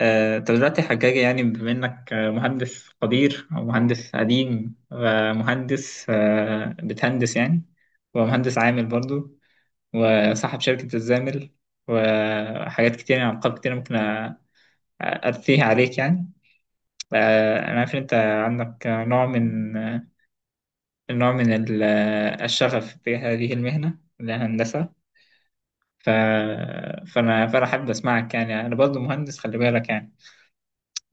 طب دلوقتي يا حجاج يعني بما إنك مهندس قدير أو مهندس قديم ومهندس بتهندس يعني ومهندس عامل برضو وصاحب شركة الزامل وحاجات كتير يعني ألقاب كتير ممكن أرثيها عليك يعني. أنا عارف إن أنت عندك نوع من الشغف تجاه هذه المهنة اللي هي الهندسة. ف... فأنا حابب أسمعك يعني، أنا برضو مهندس، خلي بالك يعني.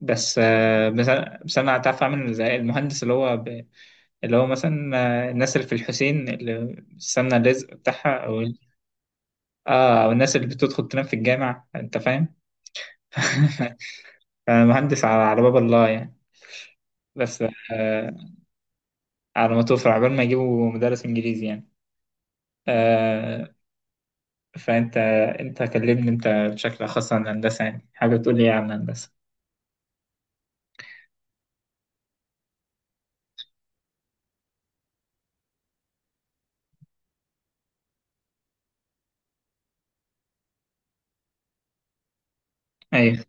بس آه، بس انا بس أنا هتعرف اعمل زي المهندس اللي هو مثلا الناس اللي في الحسين اللي السمنه الرزق بتاعها، او ال- اه او الناس اللي بتدخل تنام في الجامع، انت فاهم. أنا مهندس على باب الله يعني. بس آه على ما توفر عقبال ما يجيبوا مدرس انجليزي يعني. آه فانت، انت كلمني بشكل خاص عن الهندسه، يعني حاجه تقول لي إيه عن الهندسه. ايوه،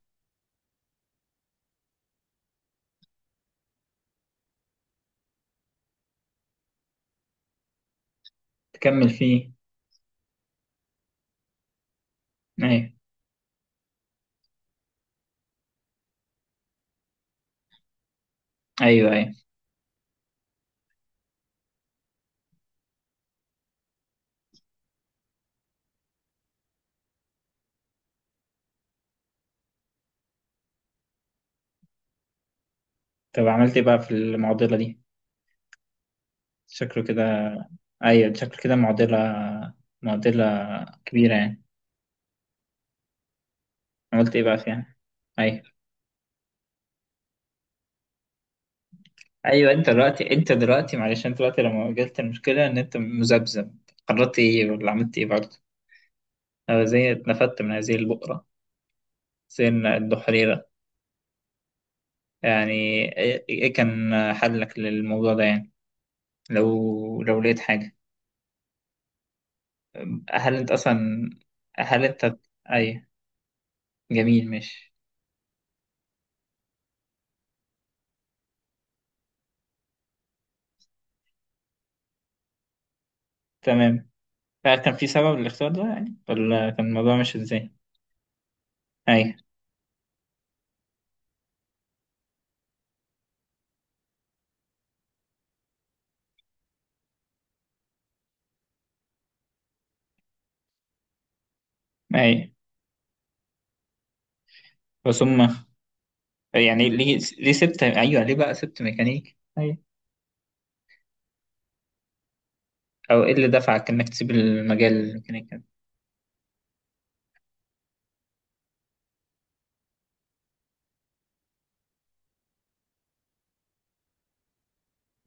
تكمل فيه، ايوه، ايوه، ايوه. طب عملت ايه بقى في المعضله دي؟ شكله كده. ايوه شكله كده، معضلة، معضلة كبيرة يعني. عملت ايه بقى فيها؟ ايوه، ايوه، انت دلوقتي لما واجهت المشكلة ان انت مذبذب، قررت ايه ولا عملت ايه برضه؟ أنا زي اتنفدت من هذه البؤرة، زي الدحريرة يعني. إيه كان حلك للموضوع ده يعني؟ لو لقيت حاجة. هل انت اصلا هل انت ايوه، جميل، ماشي، تمام. هل كان في سبب للاختيار ده يعني، ولا كان الموضوع مش ازاي؟ اي، اي، بس هم يعني ليه سبت، ايوه، ليه بقى سبت ميكانيك اي؟ او ايه اللي دفعك انك تسيب المجال الميكانيكي ده؟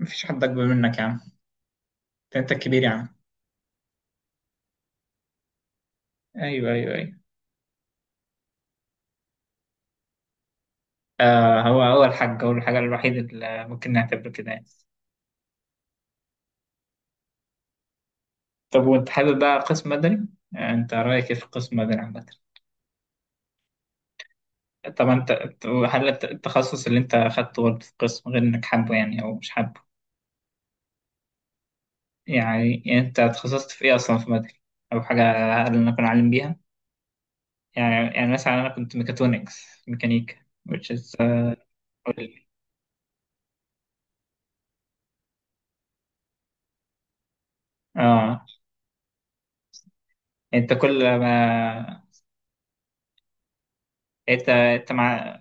مفيش حد اكبر منك يا عم. أنت الكبير يا عم. ايوه، ايوه، ايوه. هو الحاجه الوحيده اللي ممكن نعتبره كده يعني. طب وانت حابب بقى قسم مدني؟ انت رايك ايه في قسم مدني عامه؟ طب انت أنت- هل الت- التخصص اللي انت اخدته برضه في القسم، غير انك حابه يعني او مش حابه؟ يعني انت اتخصصت في ايه اصلا في مدني؟ او حاجه، هل نكون عالم بيها؟ يعني مثلا أنا كنت ميكاترونكس ميكانيكا which is قول لي. آه، أنت كل ما أنت أنت ما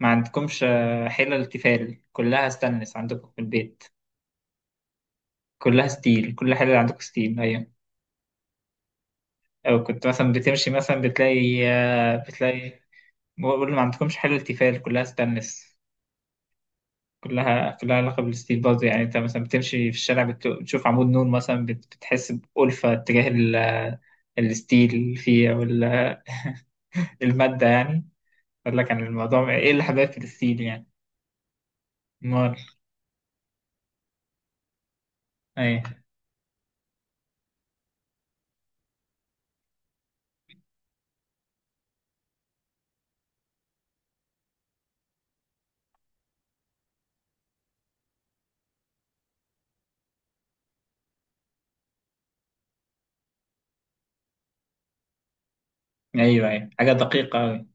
ما عندكمش حلل تيفال كلها ستانلس عندكم في البيت؟ كلها ستيل، كل حلل عندكم ستيل، أيوة. أو كنت مثلا بتمشي، مثلا بتلاقي آه، بتلاقي بقول ما عندكمش حلل تيفال كلها ستانلس. كلها علاقة بالستيل برضه يعني. أنت مثلا بتمشي في الشارع، بتشوف عمود نور مثلا، بتحس بألفة تجاه الستيل اللي فيه، أو المادة يعني. قال لك عن الموضوع ايه اللي حبايب فلسطين يعني؟ امال. ايوه، ايوه، ايوه، حاجة دقيقة أوي.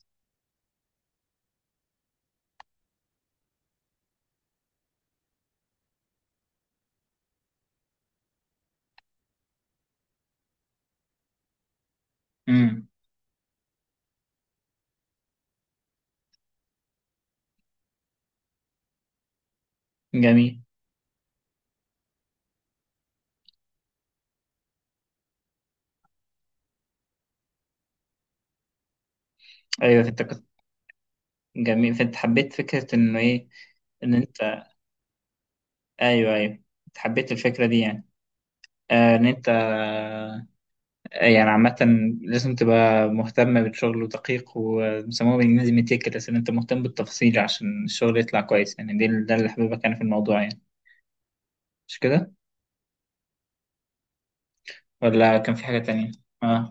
امم جميل، ايوه فانت كنت، جميل فانت حبيت فكرة انه ايه؟ ان انت، ايوه، ايوه، انت حبيت الفكرة دي يعني. آه ان انت آه يعني عامة لازم تبقى مهتم بالشغل ودقيق، وبيسموها بالانجليزي ميتيكلس، ان انت مهتم بالتفاصيل عشان الشغل يطلع كويس يعني، ده اللي حبيبك كان في الموضوع يعني، مش كده؟ ولا كان في حاجة تانية؟ اه،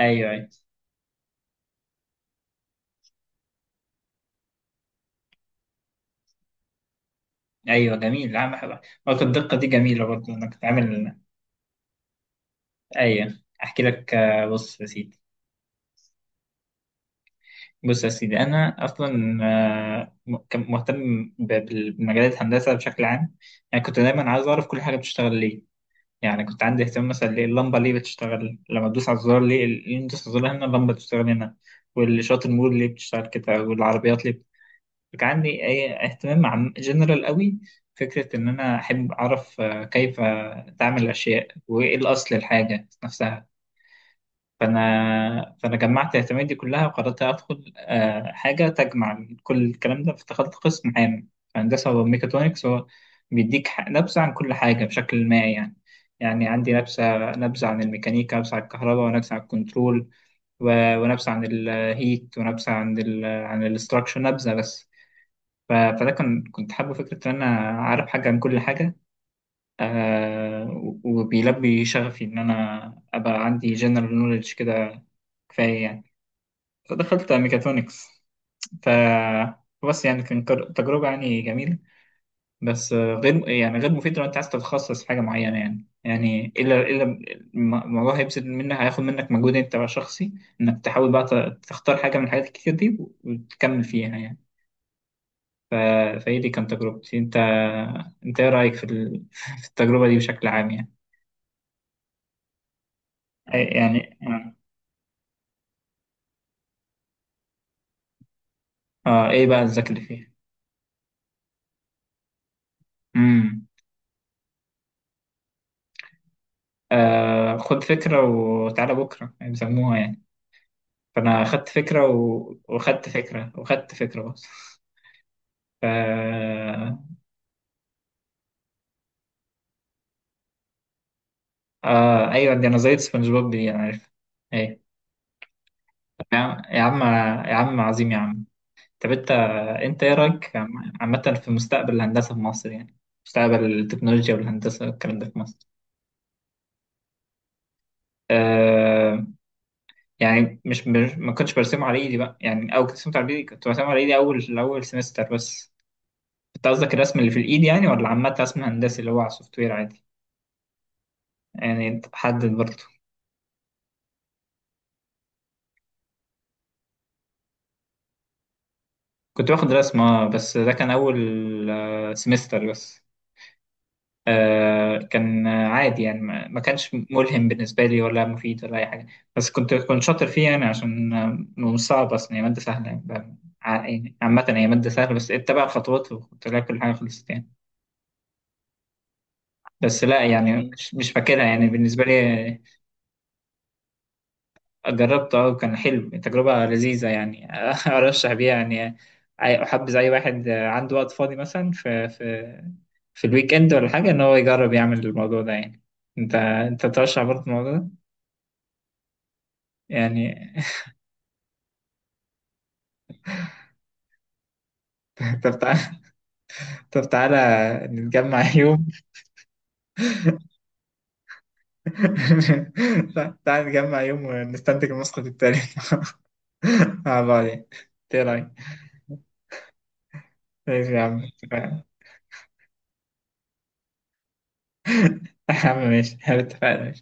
ايوه، ايوه، ايوه، جميل. لا، بحب نقطة الدقة دي، جميلة برضه. انا كنت عامل، ايوه. احكي لك، بص يا سيدي انا اصلا كان مهتم بمجالات الهندسة بشكل عام. يعني كنت دايما عايز اعرف كل حاجة بتشتغل ليه. يعني كنت عندي اهتمام مثلا، ليه اللمبة ليه بتشتغل لما تدوس على الزرار، ليه تدوس على الزرار هنا اللمبة بتشتغل هنا، والإشارات المرور ليه بتشتغل كده، والعربيات ليه. كان عندي أي اهتمام عام جنرال قوي، فكرة إن أنا أحب أعرف كيف تعمل الأشياء، وإيه الأصل الحاجة نفسها. فأنا جمعت اهتماماتي دي كلها، وقررت أدخل حاجة تجمع كل الكلام ده، فدخلت قسم عام في هندسة وميكاترونكس. هو بيديك نبذة عن كل حاجة بشكل ما يعني. يعني عندي نبذة عن الميكانيكا، نبذة عن الكهرباء، ونبذة عن الكنترول، ونبذة عن الهيت، ونبذة عن الاستراكشر، نبذة بس. فده كان، كنت حابب فكرة إن أنا عارف حاجة عن كل حاجة. وبيلبي شغفي إن أنا أبقى عندي جنرال نوليدج كده، كفاية يعني. فدخلت ميكاترونكس. ف بس يعني كان، تجربة يعني جميلة. بس غير يعني، غير مفيدة لو أنت عايز تتخصص في حاجة معينة يعني إلا الموضوع هيبذل منك، هياخد منك مجهود أنت بقى شخصي، إنك تحاول بقى تختار حاجة من الحاجات الكتير دي وتكمل فيها يعني. ف... فهي دي كانت تجربتي. انت ايه رأيك في التجربة دي بشكل عام يعني؟ إيه يعني؟ اه، اه، ايه بقى الذكاء اللي فيها؟ امم خد فكرة وتعالى بكرة يعني، بيسموها يعني. فانا خدت فكرة وخدت فكرة وخدت فكرة بس. ف ايوه، دي انا زيت سبونج بوب دي، انا عارف. ايه يا عم، يا عم، يا عم، عظيم يا عم. طب انت ايه رايك عامة في مستقبل الهندسة في مصر يعني؟ مستقبل التكنولوجيا والهندسة والكلام ده في مصر. آه يعني ما كنتش برسمه على ايدي بقى يعني، او كنت رسمته على ايدي، كنت برسمه على ايدي اول سمستر بس. انت قصدك الرسم اللي في الايد يعني، ولا عامه رسم هندسي اللي هو على السوفت وير عادي؟ يعني حدد برضه. كنت باخد رسم، اه بس ده كان اول سمستر بس. كان عادي يعني، ما كانش ملهم بالنسبه لي ولا مفيد ولا اي حاجه. بس كنت شاطر فيه يعني عشان مش صعب اصلا، هي ماده سهله يعني، يعني عامه هي مادة سهلة، بس اتبع الخطوات وكنت لاقي كل حاجة خلصت يعني. بس لا يعني مش فاكرها يعني بالنسبة لي. جربته، اه كان حلو، تجربة لذيذة يعني. أرشح بيها يعني، أحبذ أي واحد عنده وقت فاضي مثلا في الويك إند ولا حاجة، إن هو يجرب يعمل الموضوع ده يعني. أنت ترشح برضه الموضوع ده يعني؟ طب تعالى طب تعالى نتجمع يوم. تعالى نتجمع يوم ونستنتج النسخة التانية، مع بعض يعني، إيه رأيك؟ ماشي يا عم، اتفقنا. يا عم ماشي، اتفقنا.